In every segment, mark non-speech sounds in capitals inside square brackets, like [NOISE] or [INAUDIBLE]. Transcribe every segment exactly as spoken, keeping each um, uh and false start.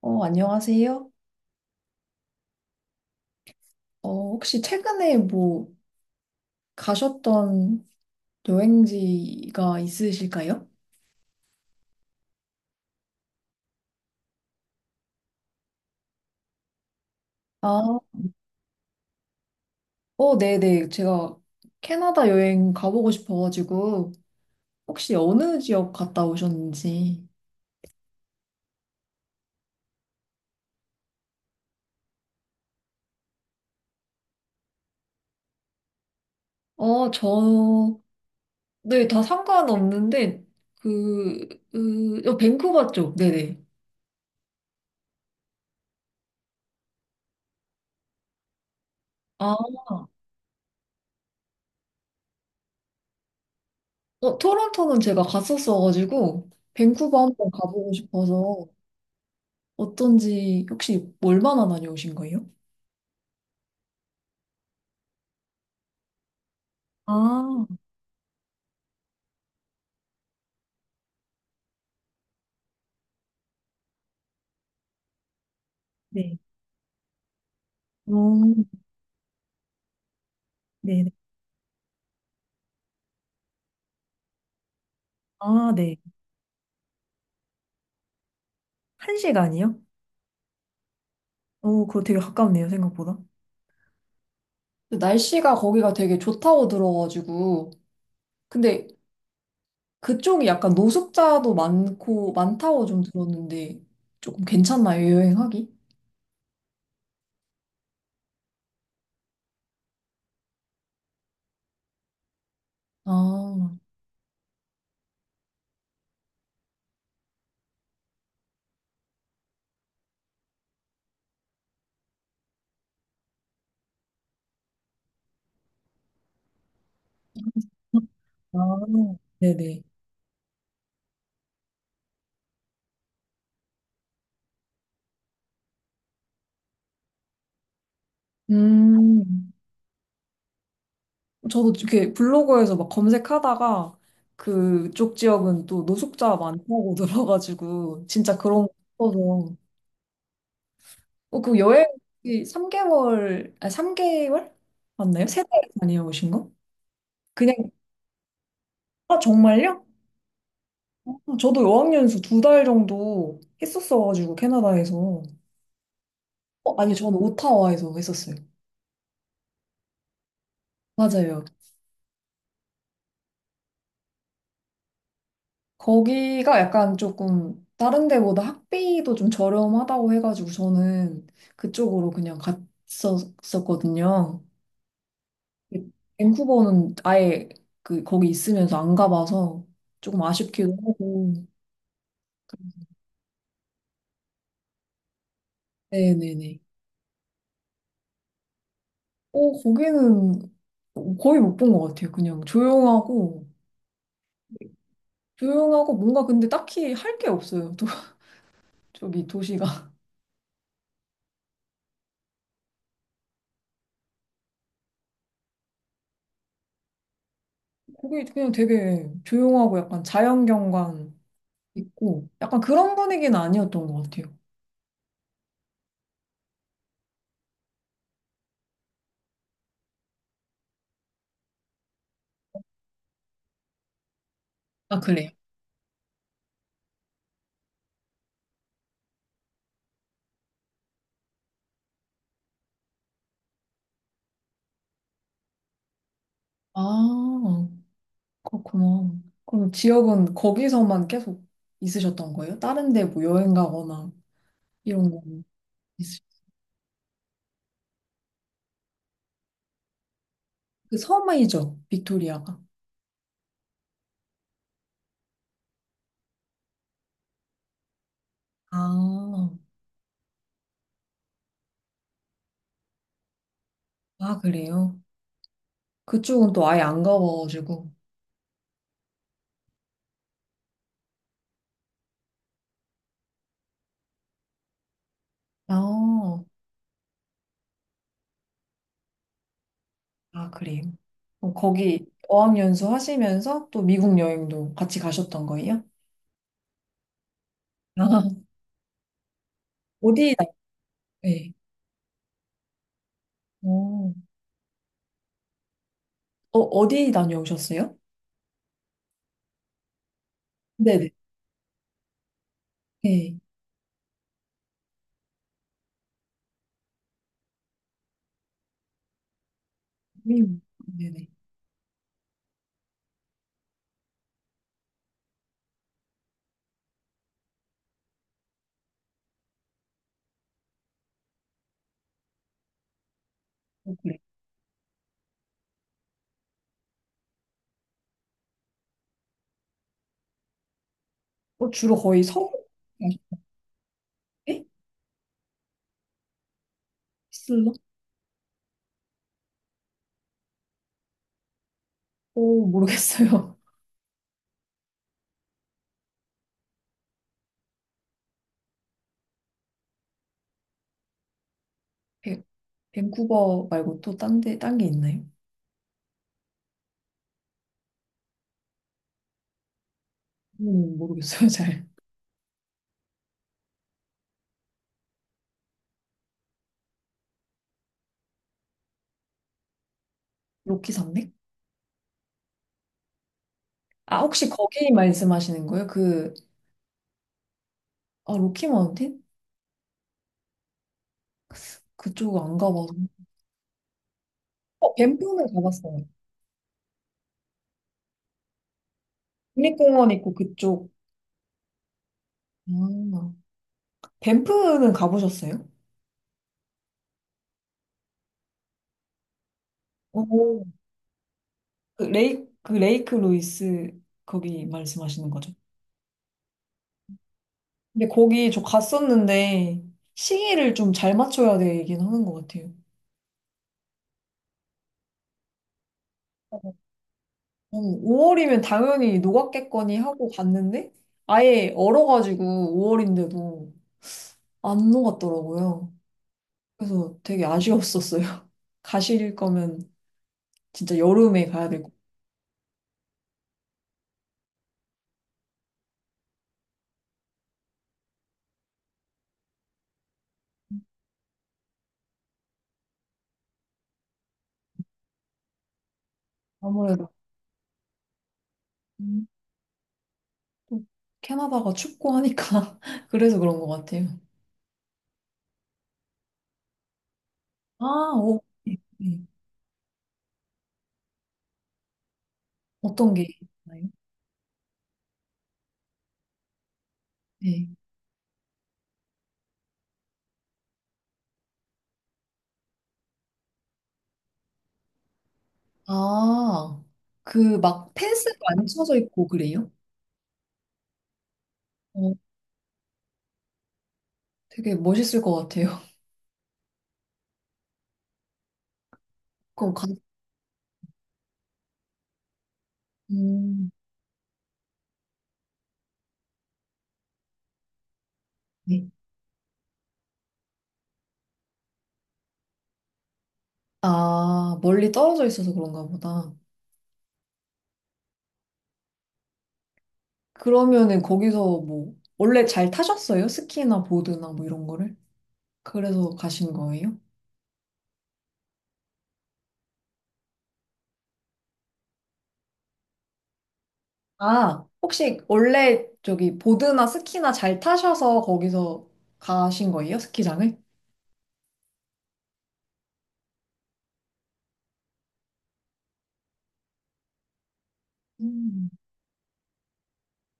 어, 안녕하세요. 어, 혹시 최근에 뭐 가셨던 여행지가 있으실까요? 아, 어, 네네. 제가 캐나다 여행 가보고 싶어가지고, 혹시 어느 지역 갔다 오셨는지. 어, 저, 네, 다 상관없는데, 그, 으, 어, 밴쿠버 쪽, 네네. 아, 어, 토론토는 제가 갔었어가지고, 밴쿠버 한번 가보고 싶어서, 어떤지, 혹시 얼마나 다녀오신 거예요? 아. 네. 어, 네네. 아, 네. 한 시간이요? 오, 그거 되게 가깝네요, 생각보다. 근데 날씨가 거기가 되게 좋다고 들어가지고. 근데 그쪽이 약간 노숙자도 많고, 많다고 좀 들었는데, 조금 괜찮나요, 여행하기? 아, 아, 네네. 음, 저도 이렇게 블로그에서 막 검색하다가 그쪽 지역은 또 노숙자 많다고 [LAUGHS] 들어가지고, 진짜 그런 거 싶어서. 어, 그 여행 삼 개월, 아, 삼 개월? 맞나요? 세달 다녀오신 거? 그냥, 아, 정말요? 어, 저도 어학연수 두 달 정도 했었어가지고, 캐나다에서. 어, 아니, 저는 오타와에서 했었어요. 맞아요. 거기가 약간 조금 다른 데보다 학비도 좀 저렴하다고 해가지고, 저는 그쪽으로 그냥 갔었었거든요. 밴쿠버는 아예 그, 거기 있으면서 안 가봐서 조금 아쉽기도 하고. 네네네. 어, 거기는 거의 못 본 것 같아요. 그냥 조용하고, 조용하고 뭔가 근데 딱히 할 게 없어요. 또, [LAUGHS] 저기 도시가. 거기 그냥 되게 조용하고 약간 자연경관 있고, 약간 그런 분위기는 아니었던 것 같아요. 아, 그래요? 아, 그렇구나. 그럼 지역은 거기서만 계속 있으셨던 거예요? 다른 데 뭐 여행 가거나 이런 거 있으셨어요? 그 섬이죠, 빅토리아가. 아, 아, 그래요? 그쪽은 또 아예 안 가봐가지고. 아, 아, 그래요. 그럼 거기 어학연수 하시면서 또 미국 여행도 같이 가셨던 거예요? [LAUGHS] 아, 어디, 다- 네. 어, 어, 어디 다녀오셨어요? 네네. 네. 음, 네네. 어, 그래. 어, 주로 거의 서부 가셨대? 슬러? 오, 모르겠어요. [LAUGHS] 밴- 밴쿠버 말고 또 딴 데, 딴 게 있나요? 음, 모르겠어요, [LAUGHS] 잘. 로키 산맥? 아, 혹시 거기 말씀하시는 거예요? 그, 아, 로키 마운틴? 그쪽 안 가봐서. 어, 밴프는 가봤어요. 국립공원 있고 그쪽. 아, 밴프는 가보셨어요? 오. 그 레이, 그 레이크 루이스 거기 말씀하시는 거죠? 근데 거기 저 갔었는데 시기를 좀 잘 맞춰야 되긴 하는 것 같아요. 오월이면 당연히 녹았겠거니 하고 갔는데 아예 얼어가지고 오월인데도 안 녹았더라고요. 그래서 되게 아쉬웠었어요. [LAUGHS] 가실 거면 진짜 여름에 가야 되고 아무래도. 또 캐나다가 춥고 하니까 [LAUGHS] 그래서 그런 것 같아요. 아, 오. 네, 네. 어떤 게 있나요? 네. 아, 그 막 펜스가 안 쳐져 있고 그래요? 어, 되게 멋있을 것 같아요. [LAUGHS] 그럼 가, 음, 네. 아, 멀리 떨어져 있어서 그런가 보다. 그러면은 거기서 뭐 원래 잘 타셨어요? 스키나 보드나 뭐 이런 거를? 그래서 가신 거예요? 아, 혹시 원래 저기 보드나 스키나 잘 타셔서 거기서 가신 거예요? 스키장을? 음.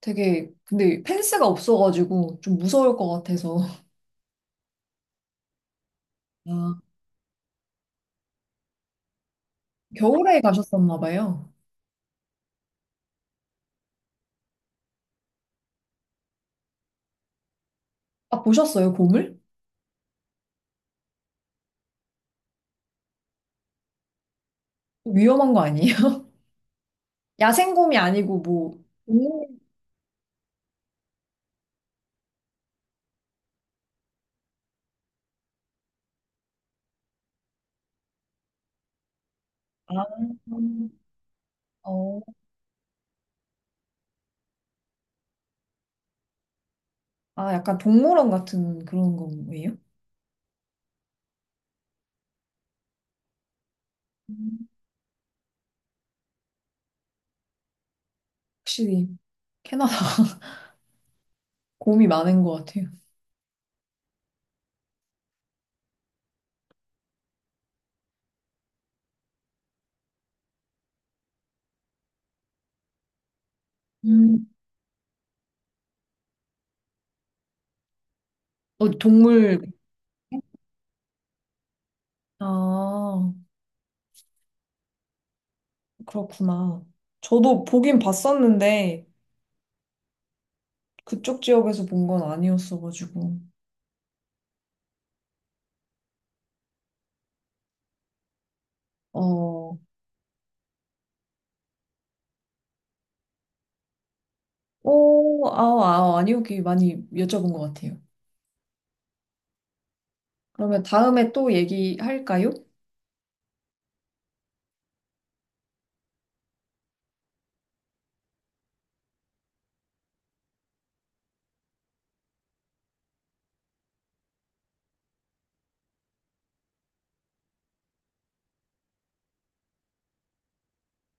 되게, 근데 펜스가 없어가지고 좀 무서울 것 같아서. 아, 겨울에 가셨었나 봐요. 아, 보셨어요, 곰을? 위험한 거 아니에요? [LAUGHS] 야생곰이 아니고 뭐, 동물- 아, 음. 어, 아, 약간 동물원 같은 그런 거예요? 음. 확실히 캐나다 [LAUGHS] 곰이 많은 것 같아요. 음. 어, 동물, 아. 그렇구나. 저도 보긴 봤었는데, 그쪽 지역에서 본 건 아니었어가지고. 어, 오, 아, 아, 아니요. 이 많이 여쭤본 것 같아요. 그러면 다음에 또 얘기할까요?